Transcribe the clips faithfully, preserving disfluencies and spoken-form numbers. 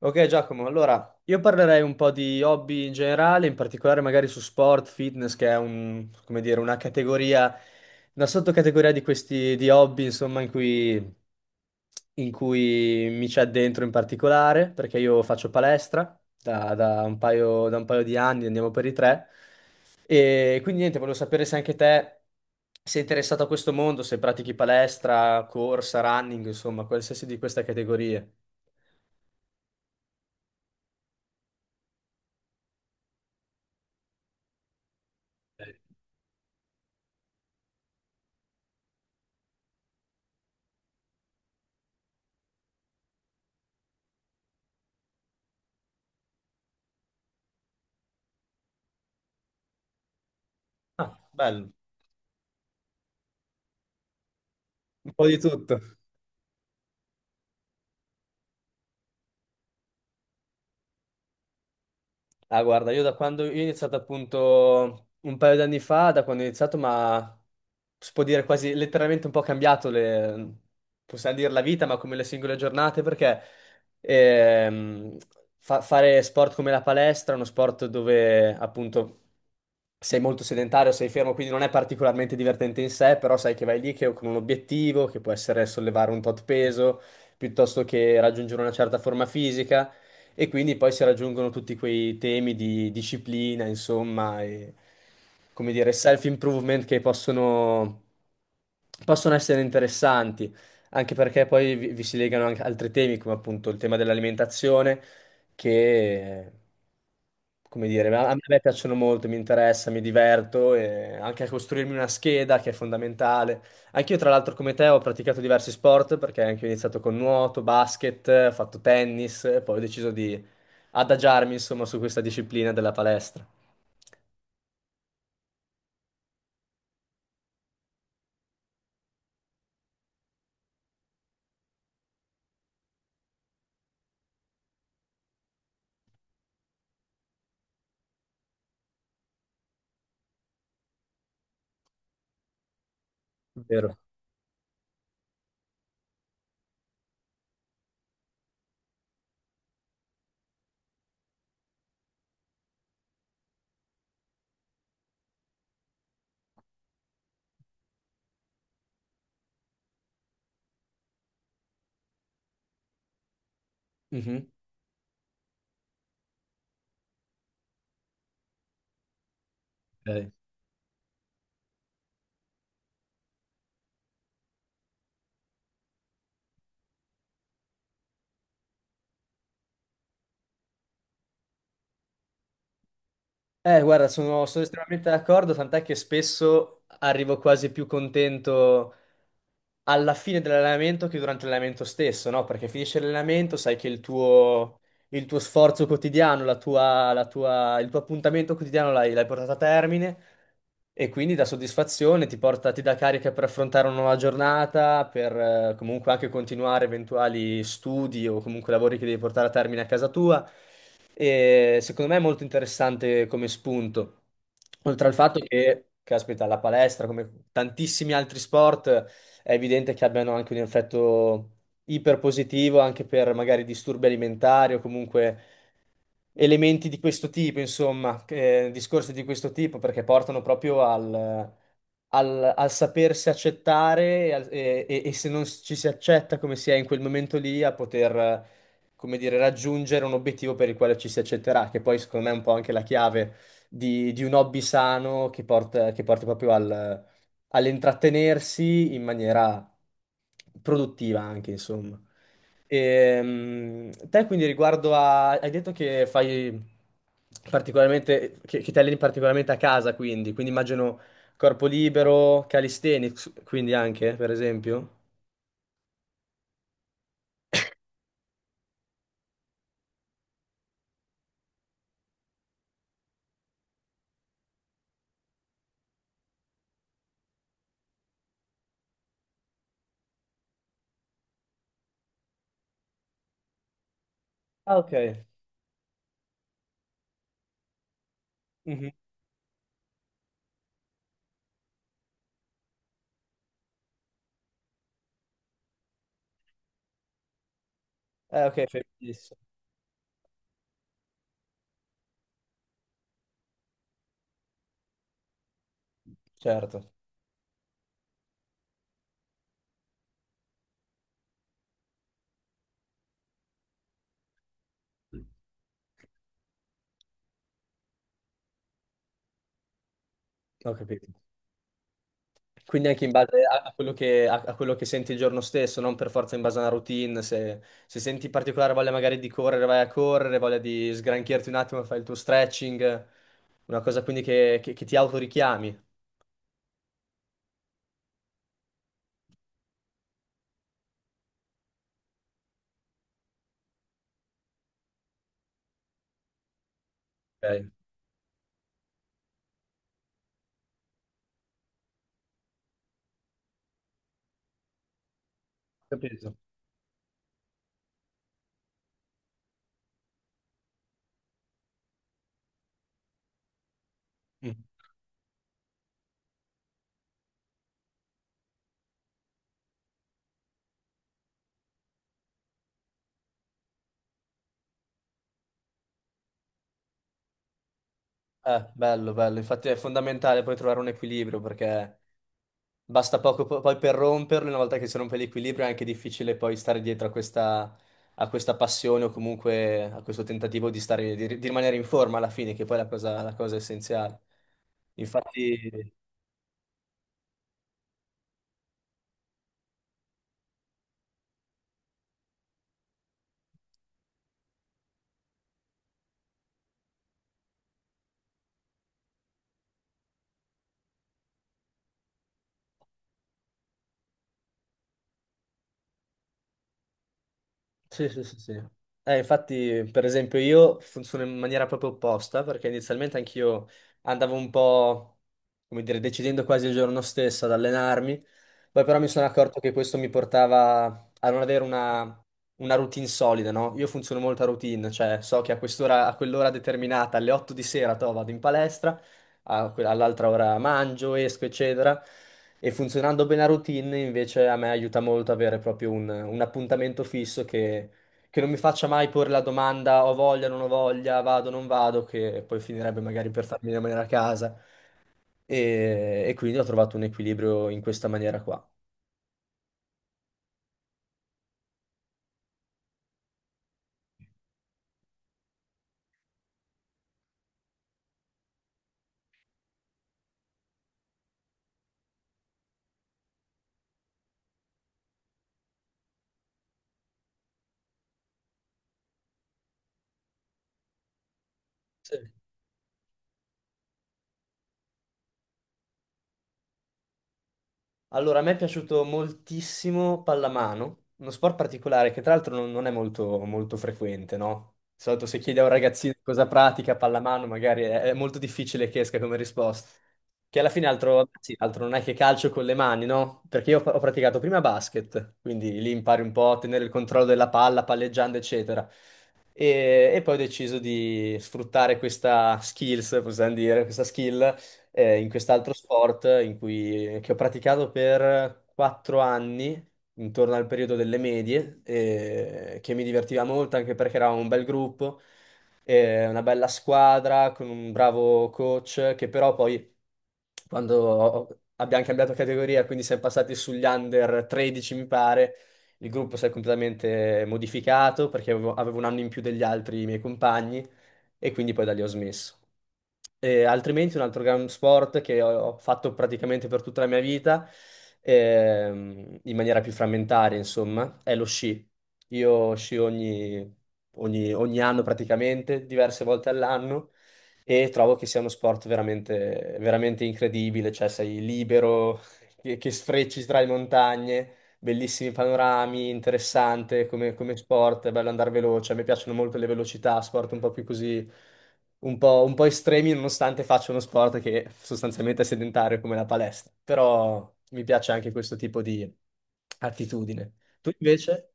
Ok Giacomo, allora io parlerei un po' di hobby in generale, in particolare magari su sport, fitness, che è un, come dire, una categoria, una sottocategoria di questi di hobby, insomma, in cui, in cui mi c'è dentro in particolare, perché io faccio palestra da, da un paio, da un paio di anni, andiamo per i tre. E quindi niente, volevo sapere se anche te sei interessato a questo mondo, se pratichi palestra, corsa, running, insomma, qualsiasi di queste categorie. Ah, bello. Un po' di tutto. Ah, guarda, io da quando io ho iniziato appunto un paio d'anni fa, da quando ho iniziato, ma si può dire quasi letteralmente un po' cambiato le, possiamo dire la vita, ma come le singole giornate, perché ehm, fa- fare sport come la palestra è uno sport dove appunto sei molto sedentario, sei fermo, quindi non è particolarmente divertente in sé, però sai che vai lì che, con un obiettivo, che può essere sollevare un tot peso, piuttosto che raggiungere una certa forma fisica. E quindi poi si raggiungono tutti quei temi di disciplina, insomma, e come dire, self-improvement che possono, possono essere interessanti, anche perché poi vi, vi si legano anche altri temi, come appunto il tema dell'alimentazione, che, come dire, a a me piacciono molto, mi interessa, mi diverto, e anche a costruirmi una scheda che è fondamentale. Anch'io, tra l'altro, come te, ho praticato diversi sport perché anche io ho iniziato con nuoto, basket, ho fatto tennis e poi ho deciso di adagiarmi, insomma, su questa disciplina della palestra. Vero. Mhm. Ok. Eh, guarda, sono, sono estremamente d'accordo, tant'è che spesso arrivo quasi più contento alla fine dell'allenamento che durante l'allenamento stesso, no? Perché finisce l'allenamento, sai che il tuo, il tuo sforzo quotidiano, la tua, la tua- il tuo appuntamento quotidiano l'hai l'hai portato a termine e quindi dà soddisfazione, ti porta, ti dà carica per affrontare una nuova giornata, per eh, comunque anche continuare eventuali studi o comunque lavori che devi portare a termine a casa tua. E secondo me è molto interessante come spunto. Oltre al fatto che, caspita, la palestra, come tantissimi altri sport, è evidente che abbiano anche un effetto iperpositivo anche per magari disturbi alimentari o comunque elementi di questo tipo, insomma, eh, discorsi di questo tipo, perché portano proprio al, al- al sapersi accettare e, al- e- e- e se non ci si accetta come si è in quel momento lì, a poter, eh, come dire, raggiungere un obiettivo per il quale ci si accetterà, che poi secondo me è un po' anche la chiave di, di un hobby sano che porta, che porti proprio al- all'intrattenersi in maniera produttiva anche, insomma. Ehm, te quindi riguardo a... Hai detto che fai particolarmente... che, che ti alleni particolarmente a casa, quindi. Quindi immagino corpo libero, calisthenics, quindi anche, per esempio. Ah, ok. Mhm. Eh, ok, fai benissimo. Certo, ho capito. Quindi anche in base a, a quello che, a- a quello che senti il giorno stesso, non per forza in base a una routine. Se, se senti particolare voglia magari di correre, vai a correre, voglia di sgranchirti un attimo, fai il tuo stretching, una cosa quindi che, che- che ti autorichiami. Ok, capito. Mm. Eh, bello, bello. Infatti è fondamentale poi trovare un equilibrio perché basta poco po- poi per romperlo, una volta che si rompe l'equilibrio è anche difficile poi stare dietro a questa, a questa passione o comunque a questo tentativo di stare, di, di rimanere in forma alla fine, che poi è la cosa, la cosa essenziale. Infatti, sì, sì, sì, sì. Eh, infatti, per esempio, io funziono in maniera proprio opposta, perché inizialmente anch'io andavo un po', come dire, decidendo quasi il giorno stesso ad allenarmi, poi però mi sono accorto che questo mi portava a non avere una, una routine solida, no? Io funziono molto a routine, cioè so che a quest'ora, a quell'ora determinata, alle otto di sera, to, vado in palestra, a que- all'altra ora mangio, esco, eccetera. E funzionando bene la routine, invece, a me aiuta molto avere proprio un, un appuntamento fisso che, che non mi faccia mai porre la domanda ho voglia, non ho voglia, vado, non vado, che poi finirebbe magari per farmi rimanere a casa. E, e quindi ho trovato un equilibrio in questa maniera qua. Sì. Allora, a me è piaciuto moltissimo pallamano, uno sport particolare che tra l'altro non, non è molto, molto frequente, no? Di solito se chiedi a un ragazzino cosa pratica pallamano, magari è, è molto difficile che esca come risposta. Che alla fine altro, sì, altro non è che calcio con le mani, no? Perché io ho praticato prima basket, quindi lì impari un po' a tenere il controllo della palla, palleggiando, eccetera. E, e poi ho deciso di sfruttare questa skills, possiamo dire, questa skill eh, in quest'altro sport in cui, che ho praticato per quattro anni, intorno al periodo delle medie, e che mi divertiva molto anche perché eravamo un bel gruppo, eh, una bella squadra con un bravo coach che però poi quando ho- abbiamo cambiato categoria, quindi siamo passati sugli under tredici mi pare, il gruppo si è completamente modificato perché avevo, avevo un anno in più degli altri miei compagni e quindi poi da lì ho smesso. E altrimenti un altro gran sport che ho ho fatto praticamente per tutta la mia vita, ehm, in maniera più frammentaria, insomma, è lo sci. Io sci ogni, ogni- ogni anno praticamente, diverse volte all'anno, e trovo che sia uno sport veramente, veramente incredibile, cioè sei libero, che, che sfrecci tra le montagne, bellissimi panorami, interessante come, come sport, è bello andare veloce, a me piacciono molto le velocità, sport un po' più così, un po', un po' estremi, nonostante faccia uno sport che sostanzialmente è sedentario come la palestra, però mi piace anche questo tipo di attitudine. Tu invece?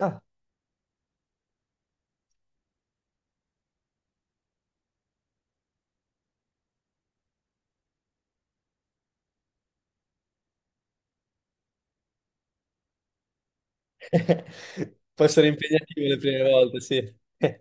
Ah, può essere impegnativo le prime volte, sì.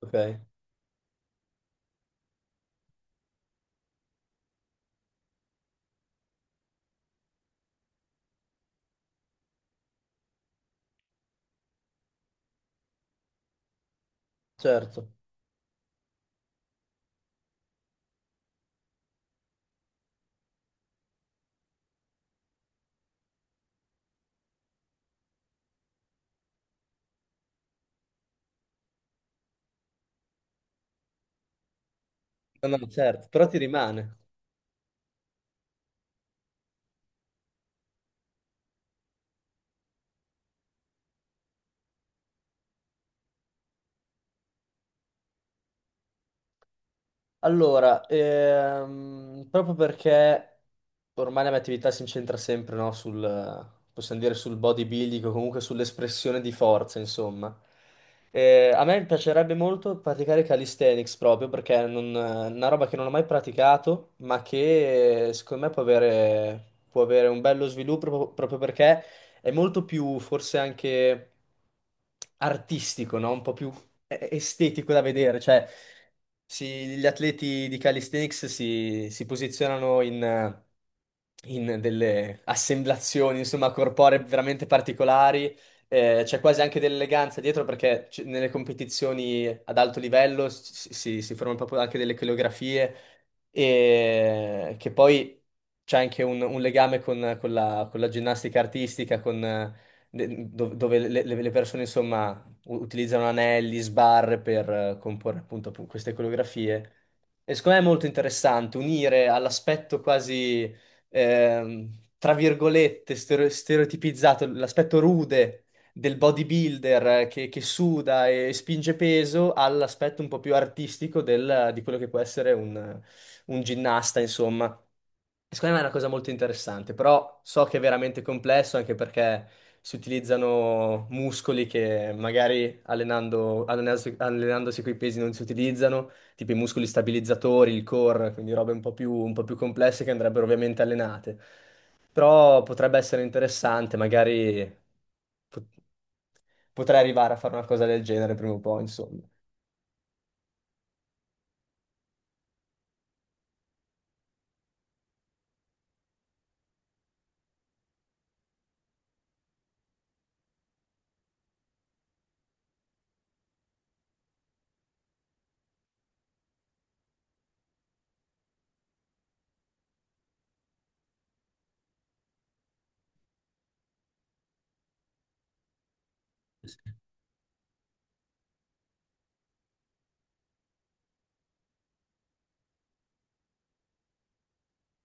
Ok, certo. No, no, certo, però ti rimane. Allora, ehm, proprio perché ormai la mia attività si incentra sempre, no, sul, possiamo dire, sul bodybuilding o comunque sull'espressione di forza, insomma. Eh, a me piacerebbe molto praticare calisthenics proprio perché non, è una roba che non ho mai praticato, ma che eh, secondo me può avere, può avere un bello sviluppo proprio proprio perché è molto più, forse anche artistico, no? Un po' più è estetico da vedere, cioè si- gli atleti di calisthenics si, si posizionano in, in delle assemblazioni, insomma, corporee veramente particolari, eh, c'è quasi anche dell'eleganza dietro perché c- nelle competizioni ad alto livello si, si- si formano proprio anche delle coreografie e che poi c'è anche un, un legame con, con la, con la ginnastica artistica, con, eh, de- dov- dove le le- le persone, insomma u- utilizzano anelli, sbarre per eh, comporre appunto pu- queste coreografie. E secondo me è molto interessante unire all'aspetto quasi, ehm, tra virgolette, stero- stereotipizzato, l'aspetto rude del bodybuilder eh, che, che suda e spinge peso all'aspetto un po' più artistico del- di quello che può essere un, un ginnasta, insomma. Secondo me è una cosa molto interessante, però so che è veramente complesso anche perché si utilizzano muscoli che magari allenando, allenandosi, allenandosi coi pesi non si utilizzano, tipo i muscoli stabilizzatori, il core, quindi robe un po' più, un po' più complesse che andrebbero ovviamente allenate. Però potrebbe essere interessante, magari pot- potrei arrivare a fare una cosa del genere prima o poi, insomma.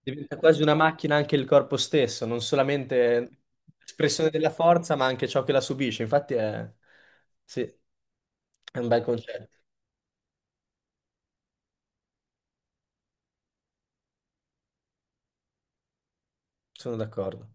Diventa quasi una macchina anche il corpo stesso, non solamente espressione della forza, ma anche ciò che la subisce. Infatti è, sì, è un bel concetto, sono d'accordo.